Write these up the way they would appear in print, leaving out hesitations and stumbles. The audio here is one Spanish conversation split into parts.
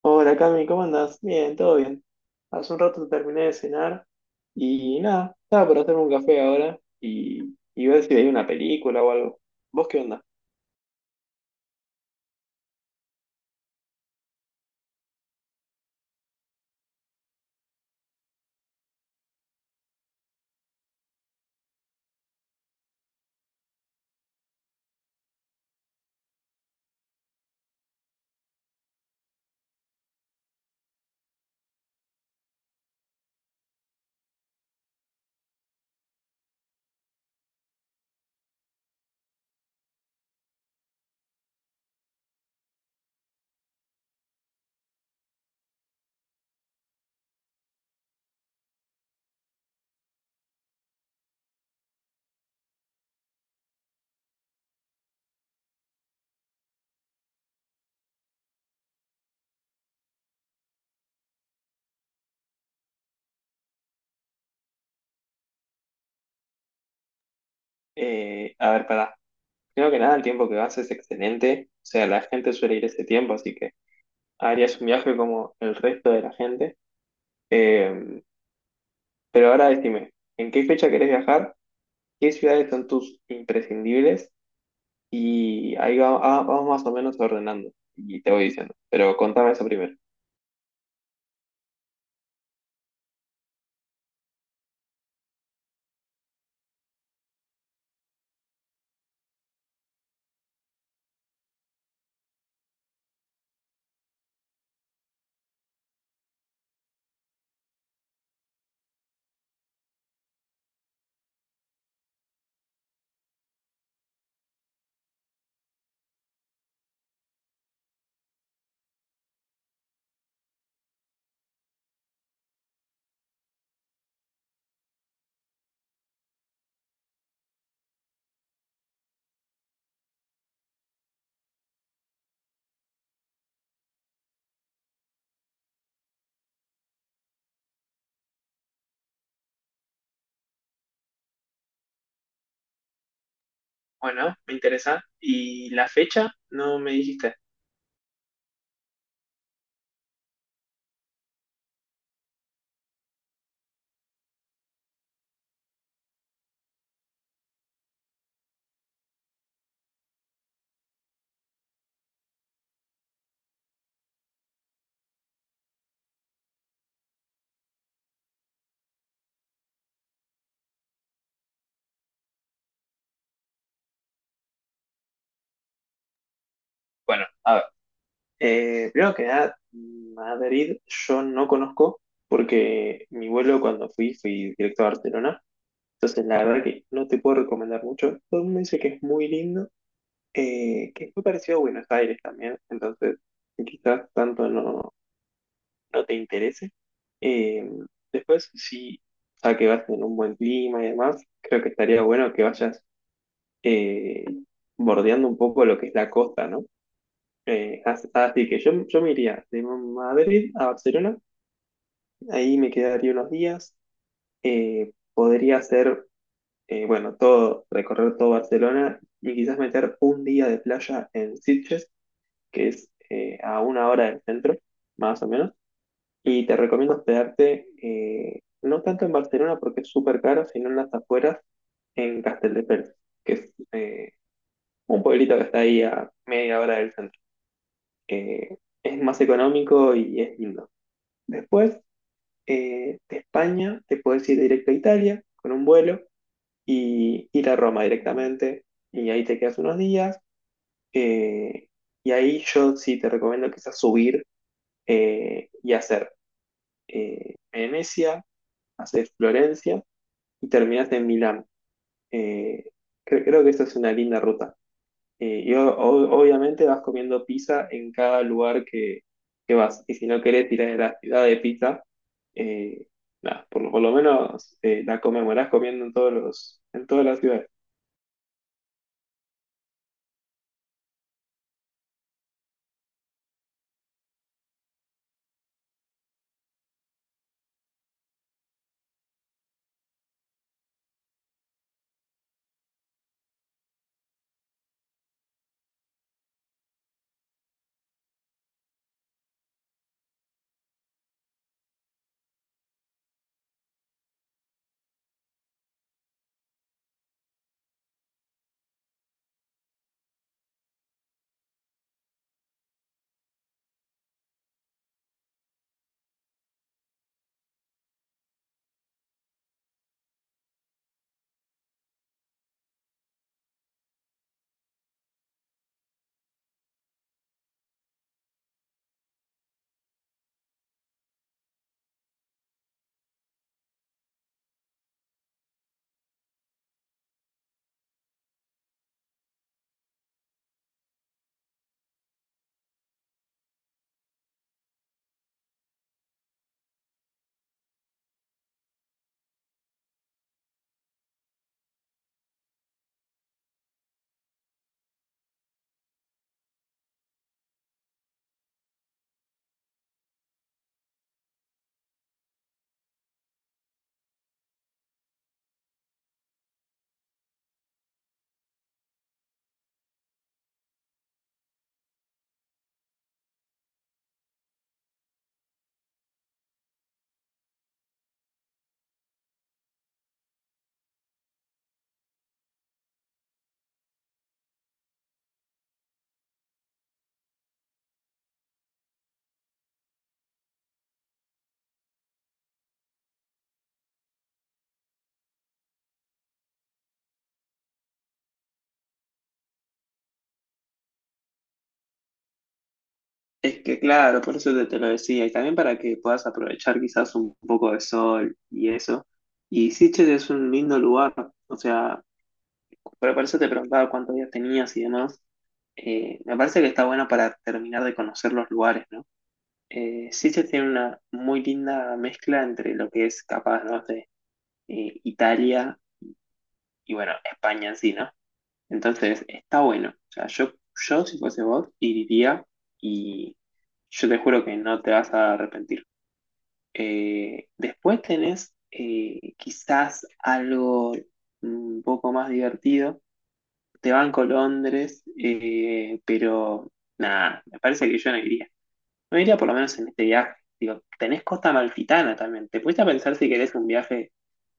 Hola Cami, ¿cómo andas? Bien, todo bien. Hace un rato terminé de cenar y nada, estaba por hacerme un café ahora y ver si veía una película o algo. ¿Vos qué onda? A ver, pará. Primero que nada, el tiempo que vas es excelente. O sea, la gente suele ir ese tiempo, así que harías un viaje como el resto de la gente. Eh, pero ahora decime, ¿en qué fecha querés viajar? ¿Qué ciudades son tus imprescindibles? Y vamos más o menos ordenando y te voy diciendo. Pero contame eso primero. Bueno, me interesa. ¿Y la fecha? No me dijiste. Bueno, a ver. Primero que nada, Madrid yo no conozco porque mi vuelo cuando fui fui directo a Barcelona. Entonces la verdad que no te puedo recomendar mucho. Todo el mundo dice que es muy lindo, que es muy parecido a Buenos Aires también. Entonces quizás tanto no, no te interese. Eh, Después, si ya que vas en un buen clima y demás, creo que estaría bueno que vayas eh, bordeando un poco lo que es la costa, ¿no? Así que yo me iría de Madrid a Barcelona, ahí me quedaría unos días, podría hacer, bueno, todo, recorrer todo Barcelona y quizás meter un día de playa en Sitges, que es a una hora del centro, más o menos, y te recomiendo hospedarte no tanto en Barcelona porque es súper caro, sino en las afueras, en Castelldefels, que es un pueblito que está ahí a media hora del centro. eh, es más económico y es lindo. Después, de España, te puedes ir directo a Italia con un vuelo y ir a Roma directamente. Y ahí te quedas unos días. eh, y ahí yo sí te recomiendo quizás subir y hacer Venecia, hacer Florencia y terminas en Milán. Eh, Creo que esa es una linda ruta. Y obviamente vas comiendo pizza en cada lugar que vas. Y si no querés tirar de la ciudad de pizza, eh, nada, por lo menos la conmemorás comiendo en en todas las ciudades. Es que claro, por eso te lo decía, y también para que puedas aprovechar quizás un poco de sol y eso. Y Sitges es un lindo lugar, o sea, pero por eso te preguntaba cuántos días tenías y demás. Me parece que está bueno para terminar de conocer los lugares, ¿no? Sí se tiene una muy linda mezcla entre lo que es capaz, ¿no? de Italia y bueno, España en sí, ¿no? Entonces, está bueno. O sea, yo si fuese vos, iría y yo te juro que no te vas a arrepentir. Después tenés quizás algo un poco más divertido. Te banco Londres, pero nada, me parece que yo no iría. No iría por lo menos en este viaje. Digo, tenés Costa Amalfitana también. ¿Te pusiste a pensar si querés un viaje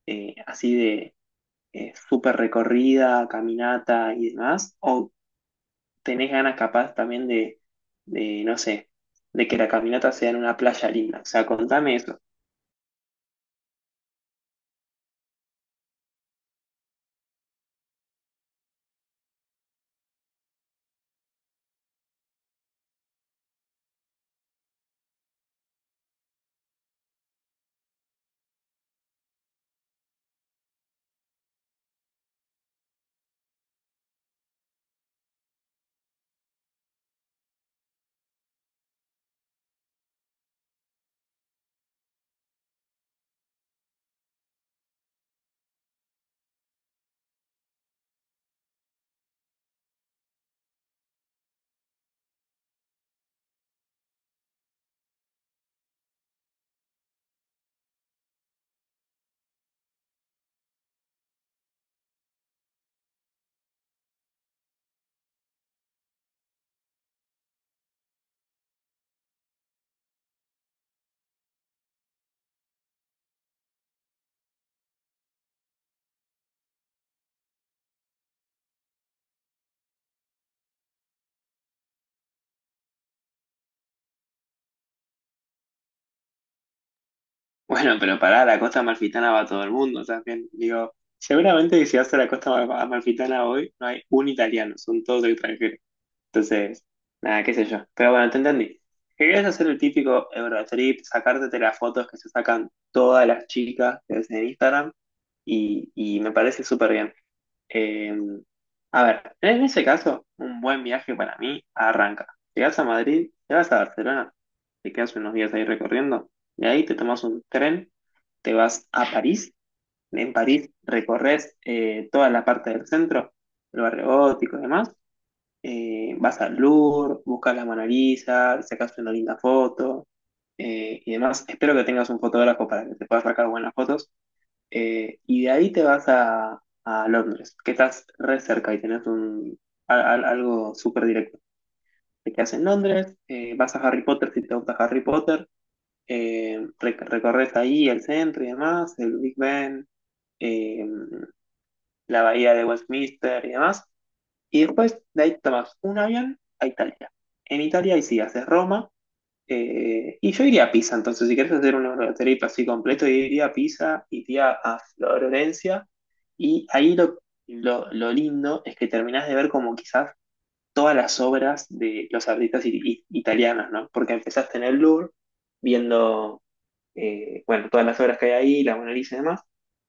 así de súper recorrida, caminata y demás? ¿O tenés ganas capaz también no sé, de que la caminata sea en una playa linda? O sea, contame eso. Bueno, pero pará, la Costa Amalfitana va a todo el mundo también. Digo, seguramente que si vas a la Costa Amalfitana hoy, no hay un italiano, son todos extranjeros. Entonces, nada, qué sé yo. Pero bueno, te entendí. Querías hacer el típico Eurotrip, sacarte las fotos que se sacan todas las chicas que ves en Instagram y me parece súper bien. Eh, a ver, en ese caso, un buen viaje para mí arranca. Llegas a Madrid, te vas a Barcelona, te quedas unos días ahí recorriendo, de ahí te tomas un tren, te vas a París, en París recorres toda la parte del centro, el barrio gótico y demás vas al Louvre, buscas la Mona Lisa, sacas una linda foto y demás. Espero que tengas un fotógrafo para que te puedas sacar buenas fotos. Y de ahí te vas a Londres, que estás re cerca y tenés algo súper directo. Te quedas en Londres, vas a Harry Potter si te gusta Harry Potter, recorres ahí el centro y demás, el Big Ben, eh, la bahía de Westminster y demás. Y después de ahí tomas un avión a Italia. En Italia ahí sí haces Roma. Y yo iría a Pisa, entonces si querés hacer un Eurotrip así completo, yo iría a Pisa, iría a Florencia. Y ahí lo lindo es que terminás de ver como quizás todas las obras de los artistas italianos, ¿no? Porque empezaste en el Louvre viendo, bueno, todas las obras que hay ahí, la Mona Lisa y demás.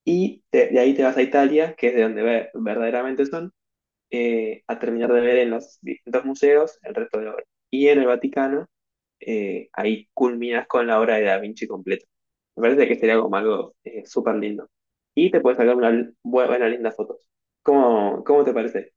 Y de ahí te vas a Italia, que es de donde verdaderamente son a terminar de ver en los distintos museos el resto de la obra. Y en el Vaticano, ahí culminas con la obra de Da Vinci completa. Me parece que sería como algo súper lindo. Y te puedes sacar buena, linda fotos. ¿Cómo, cómo te parece?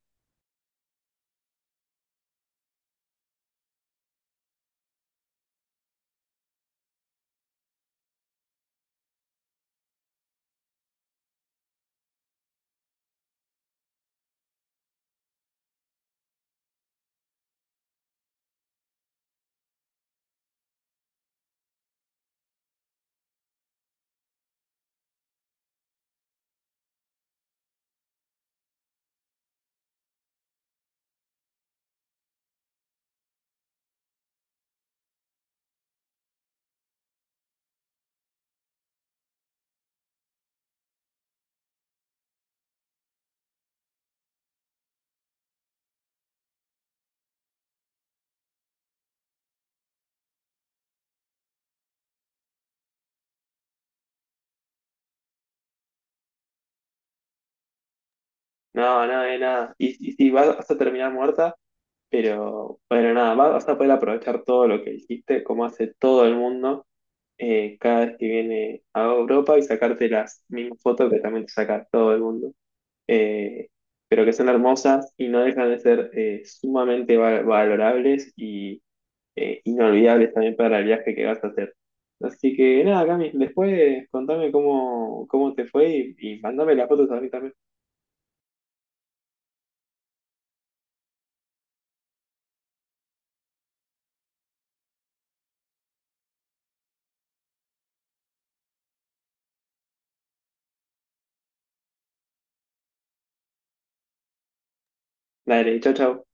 No, nada de nada. Y sí, vas a terminar muerta, pero bueno, nada, vas a poder aprovechar todo lo que hiciste, como hace todo el mundo cada vez que viene a Europa y sacarte las mismas fotos que también te saca todo el mundo. eh, pero que son hermosas y no dejan de ser sumamente valorables y inolvidables también para el viaje que vas a hacer. Así que nada, Cami, después contame cómo, cómo te fue y mandame las fotos a mí también. Dale, chao, chao.